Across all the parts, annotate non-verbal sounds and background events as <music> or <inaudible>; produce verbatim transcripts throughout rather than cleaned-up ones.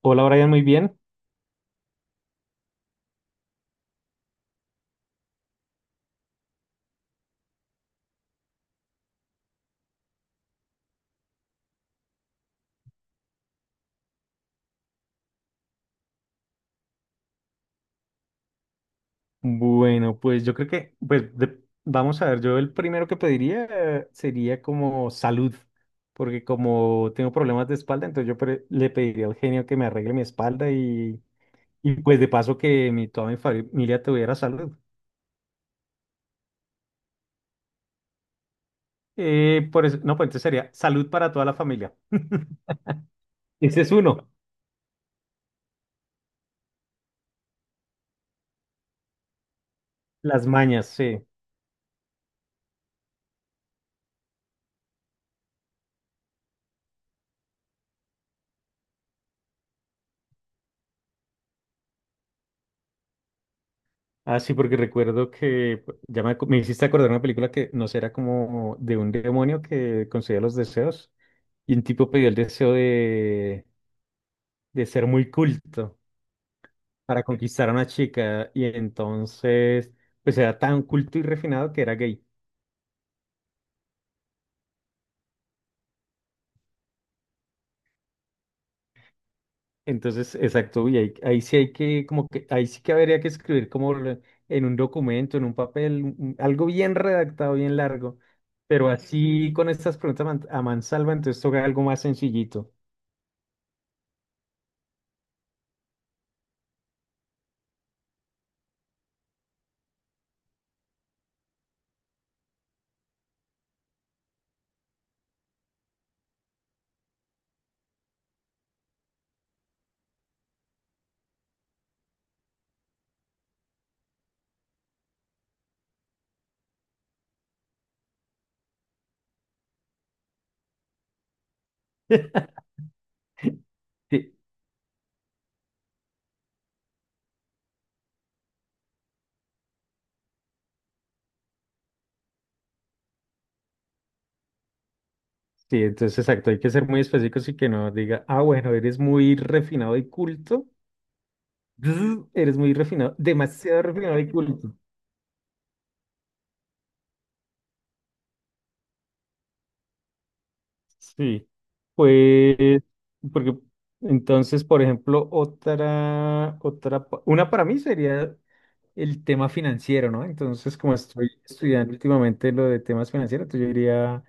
Hola Brian, muy bien. Bueno, pues yo creo que, pues de- vamos a ver, yo el primero que pediría eh, sería como salud, porque como tengo problemas de espalda, entonces yo pre- le pediría al genio que me arregle mi espalda y, y pues de paso que mi, toda mi familia tuviera salud. Eh, por eso, no, pues entonces sería salud para toda la familia. Ese es uno, las mañas, sí. Ah, sí, porque recuerdo que pues, ya me, acu- me hiciste acordar una película que no sé, era como de un demonio que concedía los deseos y un tipo pidió el deseo de, de ser muy culto para conquistar a una chica y entonces pues era tan culto y refinado que era gay. Entonces, exacto, y ahí, ahí sí hay que, como que, ahí sí que habría que escribir como lo- en un documento, en un papel, un- un- algo bien redactado, bien largo, pero así con estas preguntas a man- a mansalva, entonces toca algo más sencillito. <laughs> Sí, sí, entonces exacto, hay que ser muy específicos y que no diga, ah, bueno, eres muy refinado y culto, <laughs> Bzz, eres muy refinado, demasiado refinado y culto. Sí, pues, porque entonces, por ejemplo, otra, otra, pa- una para mí sería el tema financiero, ¿no? Entonces, como estoy estudiando últimamente lo de temas financieros, entonces yo diría,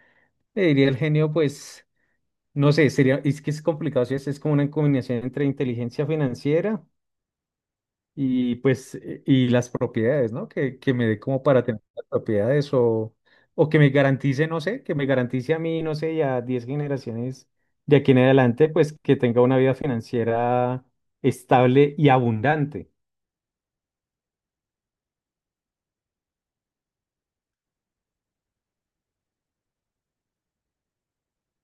le diría el genio, pues, no sé, sería, es que es complicado, si es, es como una combinación entre inteligencia financiera. Y pues, eh, y las propiedades, ¿no? Que, que me dé como para tener las propiedades o, o que me garantice, no sé, que me garantice a mí, no sé, y a diez generaciones de aquí en adelante, pues que tenga una vida financiera estable y abundante.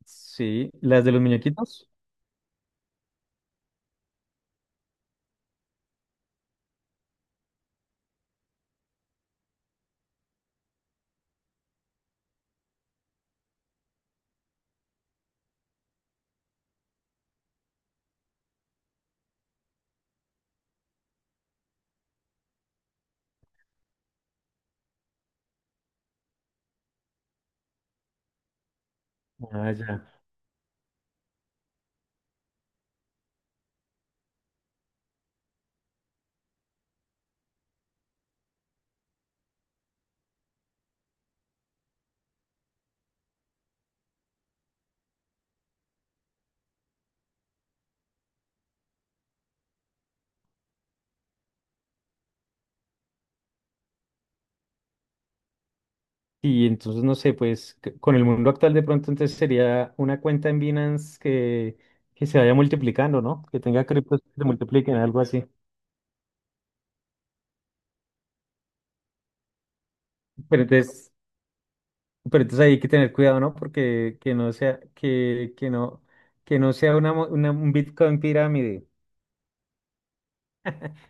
Sí, las de los muñequitos. Ah, ya. Y entonces, no sé, pues c- con el mundo actual de pronto entonces sería una cuenta en Binance que, que se vaya multiplicando, ¿no? Que tenga criptos que se multipliquen, algo así. Pero entonces... Pero entonces ahí hay que tener cuidado, ¿no? Porque que no sea, que, que no, que no sea una, mo- una- un Bitcoin pirámide.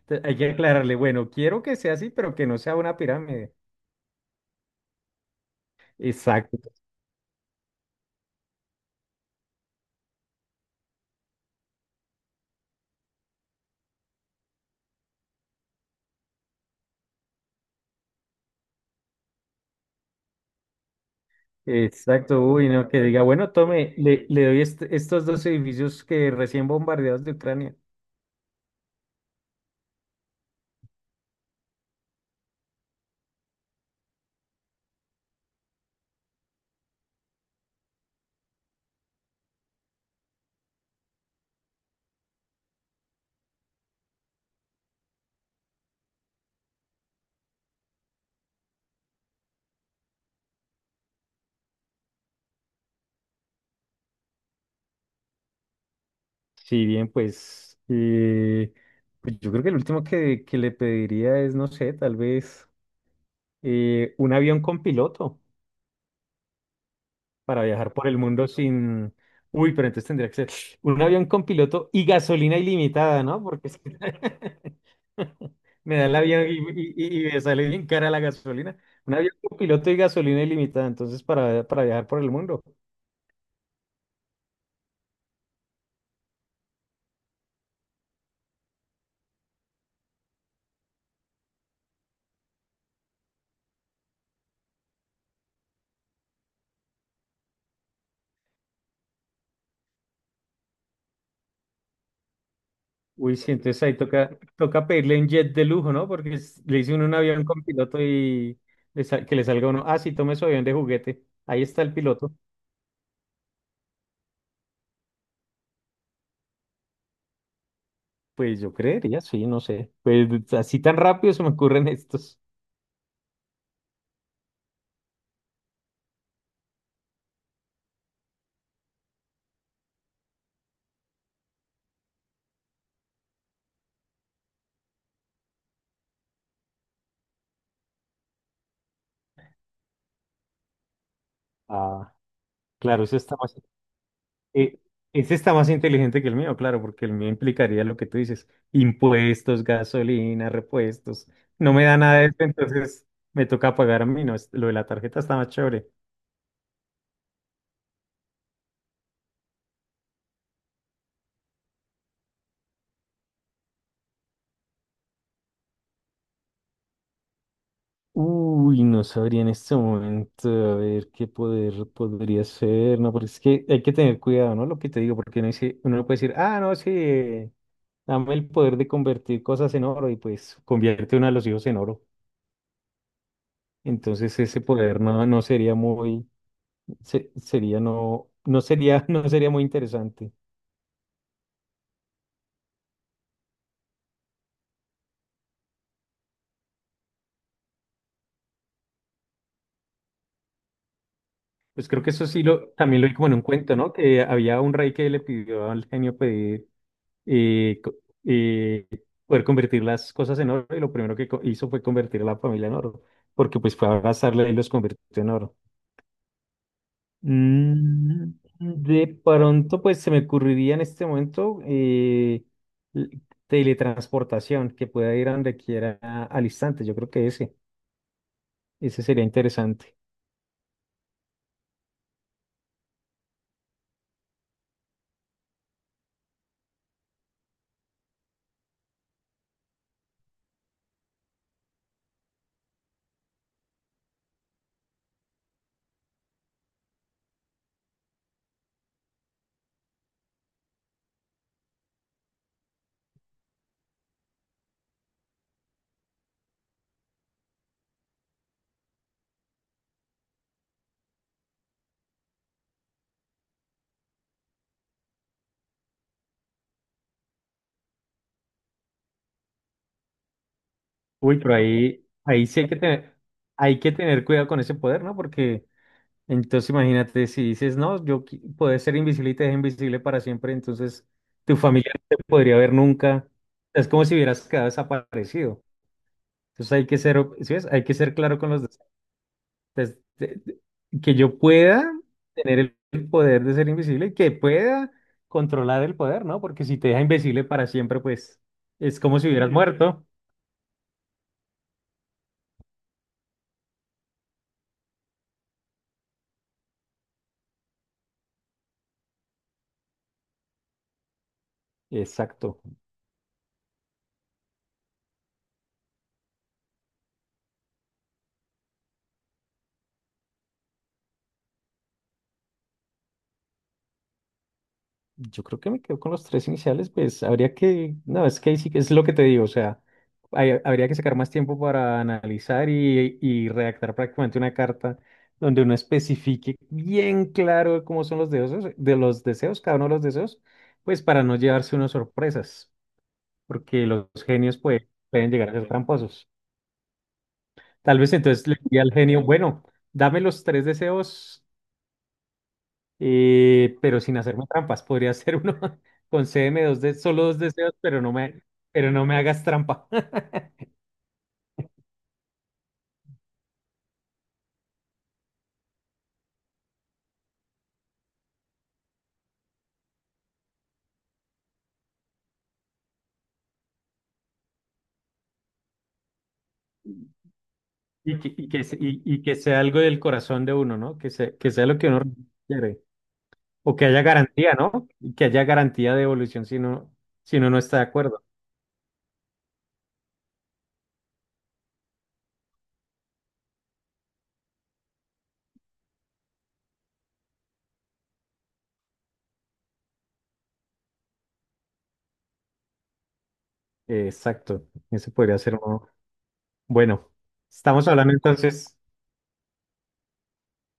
Entonces, hay que aclararle, bueno, quiero que sea así, pero que no sea una pirámide. Exacto, exacto. Uy, no, que diga, bueno, tome, le, le doy est- estos dos edificios que recién bombardeados de Ucrania. Si bien, pues, eh, pues yo creo que el último que, que le pediría es, no sé, tal vez eh, un avión con piloto. Para viajar por el mundo sin... Uy, pero entonces tendría que ser un avión con piloto y gasolina ilimitada, ¿no? Porque es que <laughs> me da el avión y, y- y- y me sale bien cara la gasolina. Un avión con piloto y gasolina ilimitada, entonces para, para viajar por el mundo. Uy, sí, entonces ahí toca, toca pedirle un jet de lujo, ¿no? Porque es- le hice uno un avión con piloto y le sal- que le salga uno, ah, sí, tome su avión de juguete, ahí está el piloto. Pues yo creería, sí, no sé. Pues así tan rápido se me ocurren estos. Ah. Claro, ese está más, eh, ese está más inteligente que el mío, claro, porque el mío implicaría lo que tú dices, impuestos, gasolina, repuestos. No me da nada de eso, entonces me toca pagar a mí, no, es- lo de la tarjeta está más chévere. Uy, no sabría en este momento, a ver qué poder podría ser, no, porque es que hay que tener cuidado, ¿no? Lo que te digo, porque uno dice, uno no puede decir, ah, no, sí, eh, dame el poder de convertir cosas en oro y pues convierte uno a los hijos en oro. Entonces ese poder no, no sería muy... Se- sería no, no sería, <laughs> no sería muy interesante. Pues creo que eso sí lo, también lo vi como en un cuento, ¿no? Que había un rey que le pidió al genio pedir eh, co- eh, poder convertir las cosas en oro y lo primero que co- hizo fue convertir a la familia en oro, porque pues fue a abrazarla y los convirtió en oro. Mm, de pronto pues se me ocurriría en este momento eh, l- teletransportación, que pueda ir a donde quiera al instante. Yo creo que ese, ese sería interesante. Uy, pero ahí, ahí sí hay que tener, hay que tener cuidado con ese poder, ¿no? Porque entonces imagínate si dices, no, yo qui- poder ser invisible y te dejo invisible para siempre, entonces tu familia no te podría ver nunca. Es como si hubieras quedado desaparecido. Entonces hay que ser, ¿sí ves? Hay que ser claro con los des- des- de- de- que yo pueda tener el el poder de ser invisible y que pueda controlar el poder, ¿no? Porque si te deja invisible para siempre, pues es como si hubieras muerto. Exacto. Yo creo que me quedo con los tres iniciales, pues habría que, no, es que ahí sí que es lo que te digo, o sea, hay- habría que sacar más tiempo para analizar y, y redactar prácticamente una carta donde uno especifique bien claro cómo son los deseos, de los deseos, cada uno de los deseos, pues para no llevarse unas sorpresas, porque los genios pues, pueden llegar a ser tramposos. Tal vez entonces le diría al genio, bueno, dame los tres deseos. Eh, pero sin hacerme trampas, podría ser uno. <laughs> Concédeme dos de, solo dos deseos, pero no me, pero no me hagas trampa. <laughs> Y que, y que, se- y, y que sea algo del corazón de uno, ¿no? Que se que sea lo que uno quiere. O que haya garantía, ¿no? Y que haya garantía de devolución si no, si uno no está de acuerdo. Eh, exacto. Eso podría ser uno. Bueno, estamos hablando entonces.